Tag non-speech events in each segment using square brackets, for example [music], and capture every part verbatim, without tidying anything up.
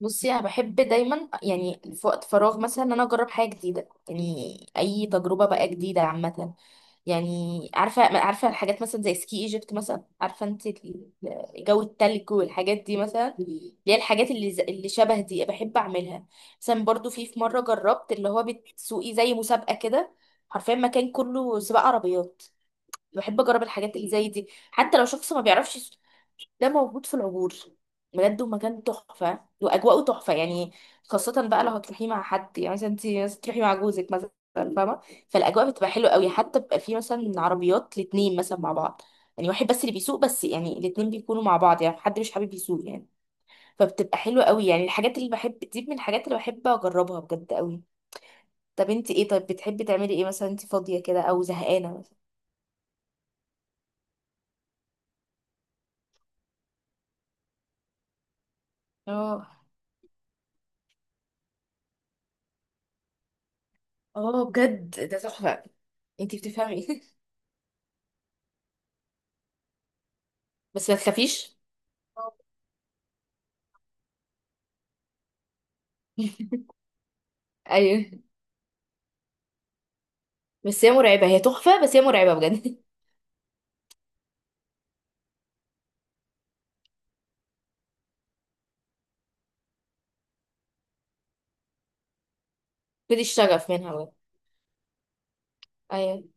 بصي، انا بحب دايما يعني في وقت فراغ مثلا ان انا اجرب حاجه جديده، يعني اي تجربه بقى جديده عامه. يعني عارفه عارفه الحاجات مثلا زي سكي ايجيبت مثلا. عارفه انت ال- جو التلج والحاجات دي، مثلا اللي هي الحاجات اللي ز- اللي شبه دي بحب اعملها. مثلا برضو في في مره جربت اللي هو بتسوقي زي مسابقه كده، حرفيا مكان كله سباق عربيات. بحب اجرب الحاجات اللي زي دي حتى لو شخص ما بيعرفش يس- ده موجود في العبور بجد، ومكان تحفة وأجواءه تحفة يعني. خاصة بقى لو هتروحي مع حد، يعني مثلا انت مثلا تروحي مع جوزك مثلا، فاهمة؟ فالأجواء بتبقى حلوة قوي، حتى بيبقى في مثلا عربيات الاتنين مثلا مع بعض، يعني واحد بس اللي بيسوق، بس يعني الاتنين بيكونوا مع بعض، يعني حد مش حابب يسوق يعني. فبتبقى حلوة قوي يعني. الحاجات اللي بحب دي من الحاجات اللي بحب أجربها بجد قوي. طب انت ايه؟ طيب بتحبي تعملي ايه مثلا انت فاضية كده أو زهقانة مثلا؟ اه. اه بجد ده تحفة. انتي بتفهمي [laughs] بس ما تخافيش. [laughs] ايوه. بس هي مرعبة، هي تحفة بس هي مرعبة بجد. [laughs] خدي الشغف منها بجد. ايوه.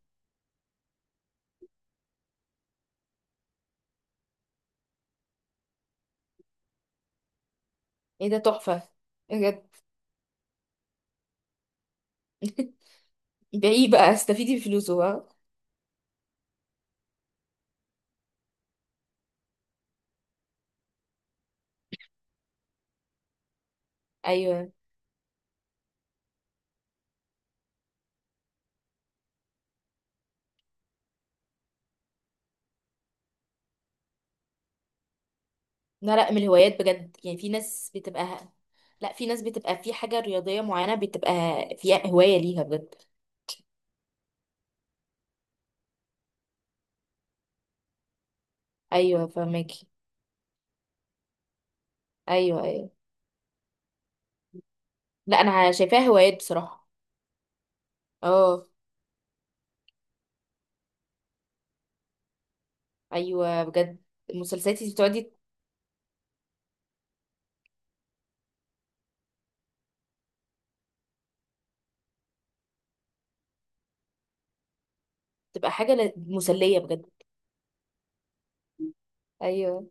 ايه ده تحفة، بجد. [laughs] بيعيه بقى، استفيدي بفلوسه بقى. ايوه. لا لا من الهوايات بجد، يعني في ناس بتبقى، لا في ناس بتبقى في حاجة رياضية معينة، بتبقى فيها هواية ليها بجد. ايوه فهماكي. ايوه ايوه. لا انا شايفاها هوايات بصراحة. اه. ايوه بجد. المسلسلات انتي بتقعدي. تبقى حاجة ل- مسلية بجد. ايوه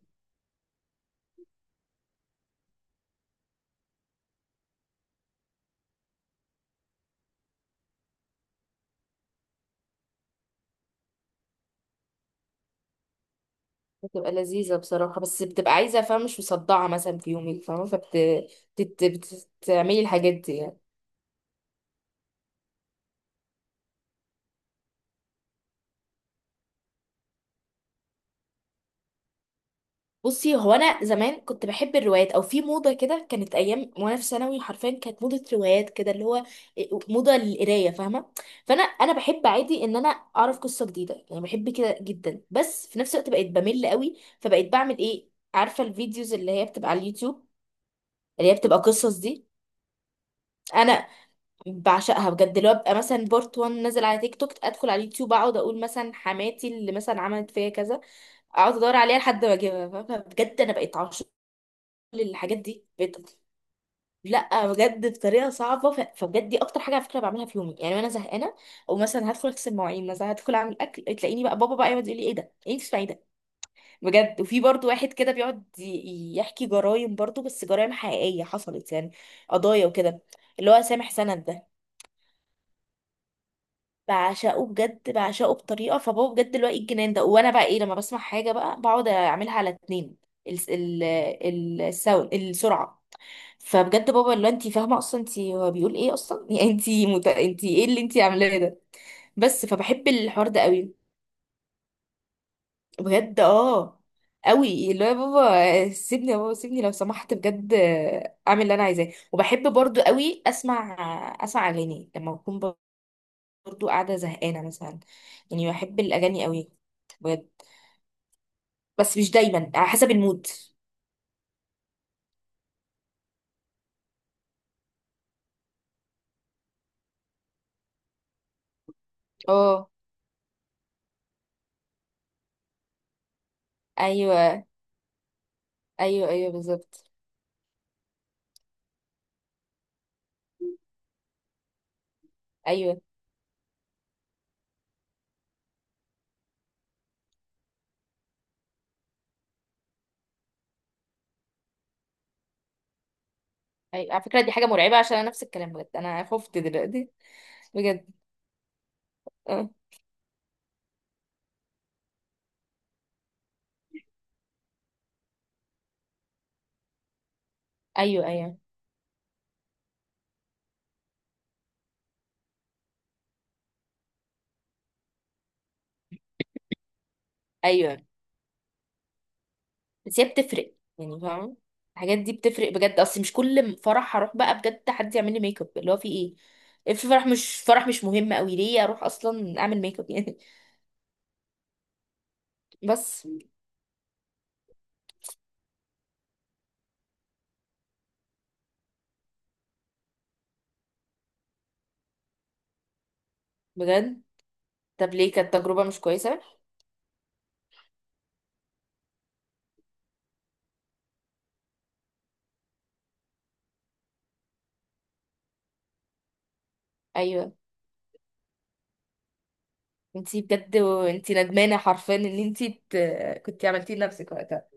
بتبقى لذيذة بصراحة، بس بتبقى عايزة فاهمة، مش مصدعة مثلا في يومك، فاهمة؟ فبتعملي الحاجات دي يعني. بصي، هو أنا زمان كنت بحب الروايات، أو في موضة كده كانت أيام وأنا في ثانوي، حرفيا كانت موضة روايات كده، اللي هو موضة للقراية، فاهمة؟ فأنا أنا بحب عادي إن أنا أعرف قصة جديدة، يعني بحب كده جدا. بس في نفس الوقت بقيت بمل قوي، فبقيت بعمل إيه؟ عارفة الفيديوز اللي هي بتبقى على اليوتيوب، اللي هي بتبقى قصص دي. انا بعشقها بجد، اللي هو ببقى مثلا بارت واحد نازل على تيك توك، ادخل على اليوتيوب اقعد اقول مثلا حماتي اللي مثلا عملت فيا كذا، اقعد ادور عليها لحد ما اجيبها، فاهمة؟ بجد انا بقيت عاشق للحاجات دي. بقيت لا بجد بطريقه صعبه ف... فبجد دي اكتر حاجه على فكره بعملها في يومي يعني، وانا زهقانه او مثلا هدخل اغسل مواعين، مثلا هدخل اعمل اكل، تلاقيني بقى بابا بقى يقعد يقول لي ايه ده، ايه اللي بتسمعي ده؟ بجد. وفي برضو واحد كده بيقعد ي- يحكي جرايم، برضو بس جرايم حقيقيه حصلت يعني، قضايا وكده، اللي هو سامح سند ده. بعشقه بجد، بعشقه بطريقه. فبابا بجد دلوقتي الجنان ده، وانا بقى ايه لما بسمع حاجه بقى بقعد اعملها على اتنين، ال ال ال الساوند السرعه. فبجد بابا اللي هو انت فاهمه اصلا، انت هو بيقول ايه اصلا [laughs] يعني انت مت... انت ايه اللي انت عاملاه ده؟ بس فبحب الحوار ده قوي بجد. اه قوي، اللي هو يا بابا سيبني، يا بابا سيبني لو سمحت بجد، اعمل اللي انا عايزاه. وبحب برضو قوي اسمع اسمع اغاني لما اكون برضو قاعدة زهقانة مثلا، يعني بحب الأغاني قوي بجد. بس مش دايما، على حسب المود. اه. ايوه ايوه. ايوه بالظبط. ايوه ايوه. على فكرة دي حاجة مرعبة، عشان انا نفس الكلام. بجد انا خفت دلوقتي بجد. اه. ايوه ايوه. ايوه بس هي بتفرق يعني، فاهم؟ الحاجات دي بتفرق بجد. اصل مش كل فرح هروح بقى بجد حد يعمل لي ميك اب، اللي هو في ايه؟ إيه، في فرح مش فرح مش مهم قوي ليه اروح اصلا اعمل ميك اب يعني؟ [laughs] بس بجد، طب ليه، كانت تجربة مش كويسة؟ ايوه انتي بجد انتي ندمانة حرفيا ان انتي ت... كنتي عملتيه لنفسك وقتها.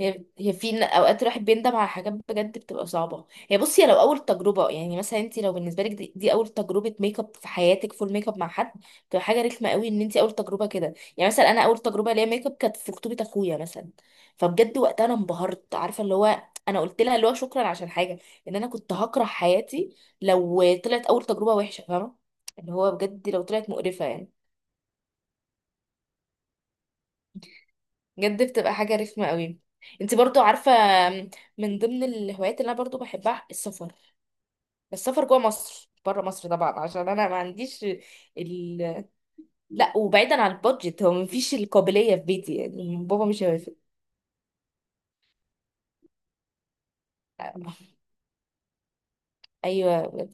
هي هي في ن- اوقات الواحد بيندم على حاجات بجد بتبقى صعبة. هي بصي، هي لو اول تجربة، يعني مثلا انتي لو بالنسبة لك دي, دي اول تجربة ميك اب في حياتك، فول ميك اب مع حد، بتبقى حاجة رخمة قوي ان انتي اول تجربة كده. يعني مثلا انا اول تجربة ليا ميك اب كانت في خطوبة اخويا مثلا، فبجد وقتها انا انبهرت، عارفة اللي هو انا قلت لها اللي هو شكرا عشان حاجة، ان انا كنت هكره حياتي لو طلعت اول تجربة وحشة، فاهمة؟ اللي هو بجد لو طلعت مقرفة يعني، بجد بتبقى حاجة رخمة قوي. انت برضو عارفة. من ضمن الهوايات اللي انا برضو بحبها السفر، بس السفر جوه مصر، بره مصر طبعا عشان انا ما عنديش ال... لا وبعيدا عن البادجت، هو مفيش القابلية في بيتي، يعني بابا مش هيوافق. ايوه.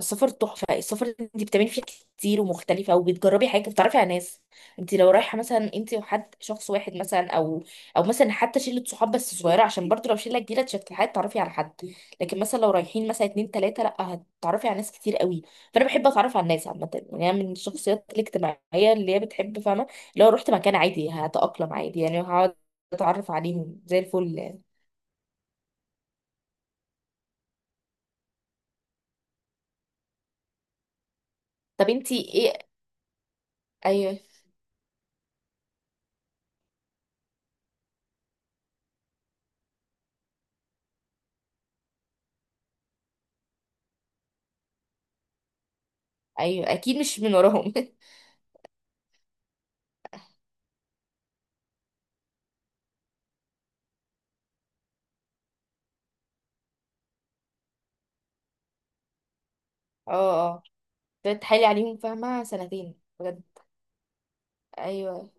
السفر تحفه. السفر انت بتعملي فيه حاجات كتير ومختلفه، وبتجربي حاجه، بتتعرفي على ناس. انت لو رايحه مثلا انت وحد، شخص واحد مثلا، او او مثلا حتى شله صحاب بس صغيره، عشان برضو لو شله كبيره تشكل، تعرفي على حد. لكن مثلا لو رايحين مثلا اتنين تلاته، لا هتتعرفي على ناس كتير قوي. فانا بحب اتعرف على الناس عامه، يعني انا من الشخصيات الاجتماعيه اللي هي بتحب، فاهمه؟ لو رحت مكان عادي هتاقلم عادي، يعني هقعد اتعرف عليهم زي الفل يعني. طب انت ايه؟ ايوه. ايوه اكيد مش من وراهم [laughs] اه اه، ابتديت اتحايل عليهم فاهمة سنتين بجد. ايوه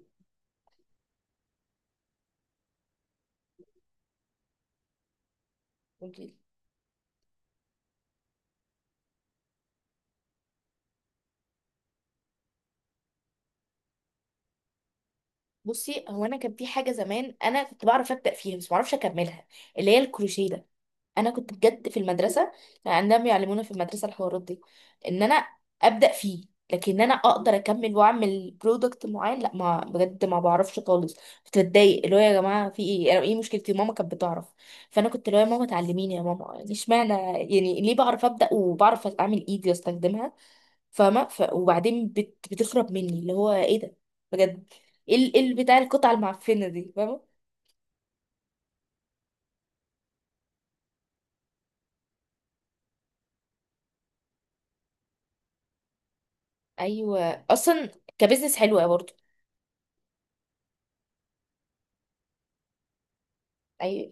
قولي. بصي، هو انا كان في حاجة زمان انا كنت بعرف ابدأ فيها بس معرفش اكملها، اللي هي الكروشيه ده. انا كنت بجد في المدرسة، كان عندنا بيعلمونا في المدرسة الحوارات دي، ان انا ابدأ فيه. لكن انا اقدر اكمل واعمل برودكت معين، لا ما بجد ما بعرفش خالص. كنت بتضايق، اللي هو يا جماعه في ايه، انا ايه مشكلتي؟ ماما كانت بتعرف، فانا كنت اللي هو يا ماما تعلميني يا ماما، يعني اشمعنى، يعني ليه بعرف ابدا وبعرف اعمل ايدي واستخدمها، فاهمة؟ ف... وبعدين بت... بتخرب مني، اللي هو ايه ده بجد؟ ايه ال... إيه ال- بتاع القطعة المعفنة دي، فاهمة؟ ايوه اصلا كبزنس حلوة برضه. ايوه.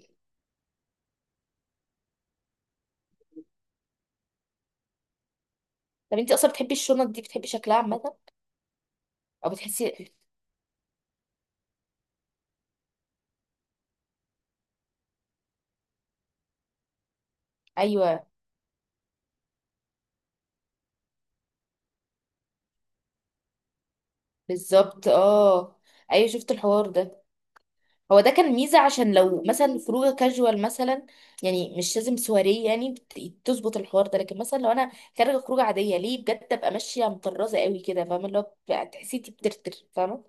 طب انت اصلا بتحبي الشنط دي، بتحبي شكلها عامة او بتحسي؟ ايوه بالظبط. اه ايوه شفت الحوار ده. هو ده كان ميزة، عشان لو مثلا خروجه كاجوال مثلا، يعني مش لازم سواريه، يعني بت- تظبط الحوار ده. لكن مثلا لو انا خارجه خروجه عاديه، ليه بجد ابقى ماشيه مطرزه قوي كده، فاهمه؟ اللي هو بتبقى تحسي انتي بترتر، فاهمه؟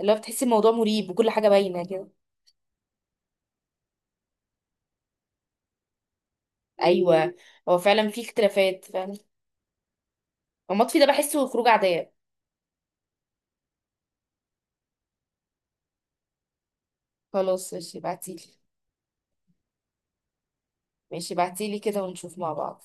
اللي هو بتحسي الموضوع مريب وكل حاجة باينة كده. أيوة. هو فعلا في اختلافات فعلا. هو المطفي ده بحسه خروج عادية. خلاص ماشي بعتيلي. ماشي بعتيلي كده ونشوف مع بعض.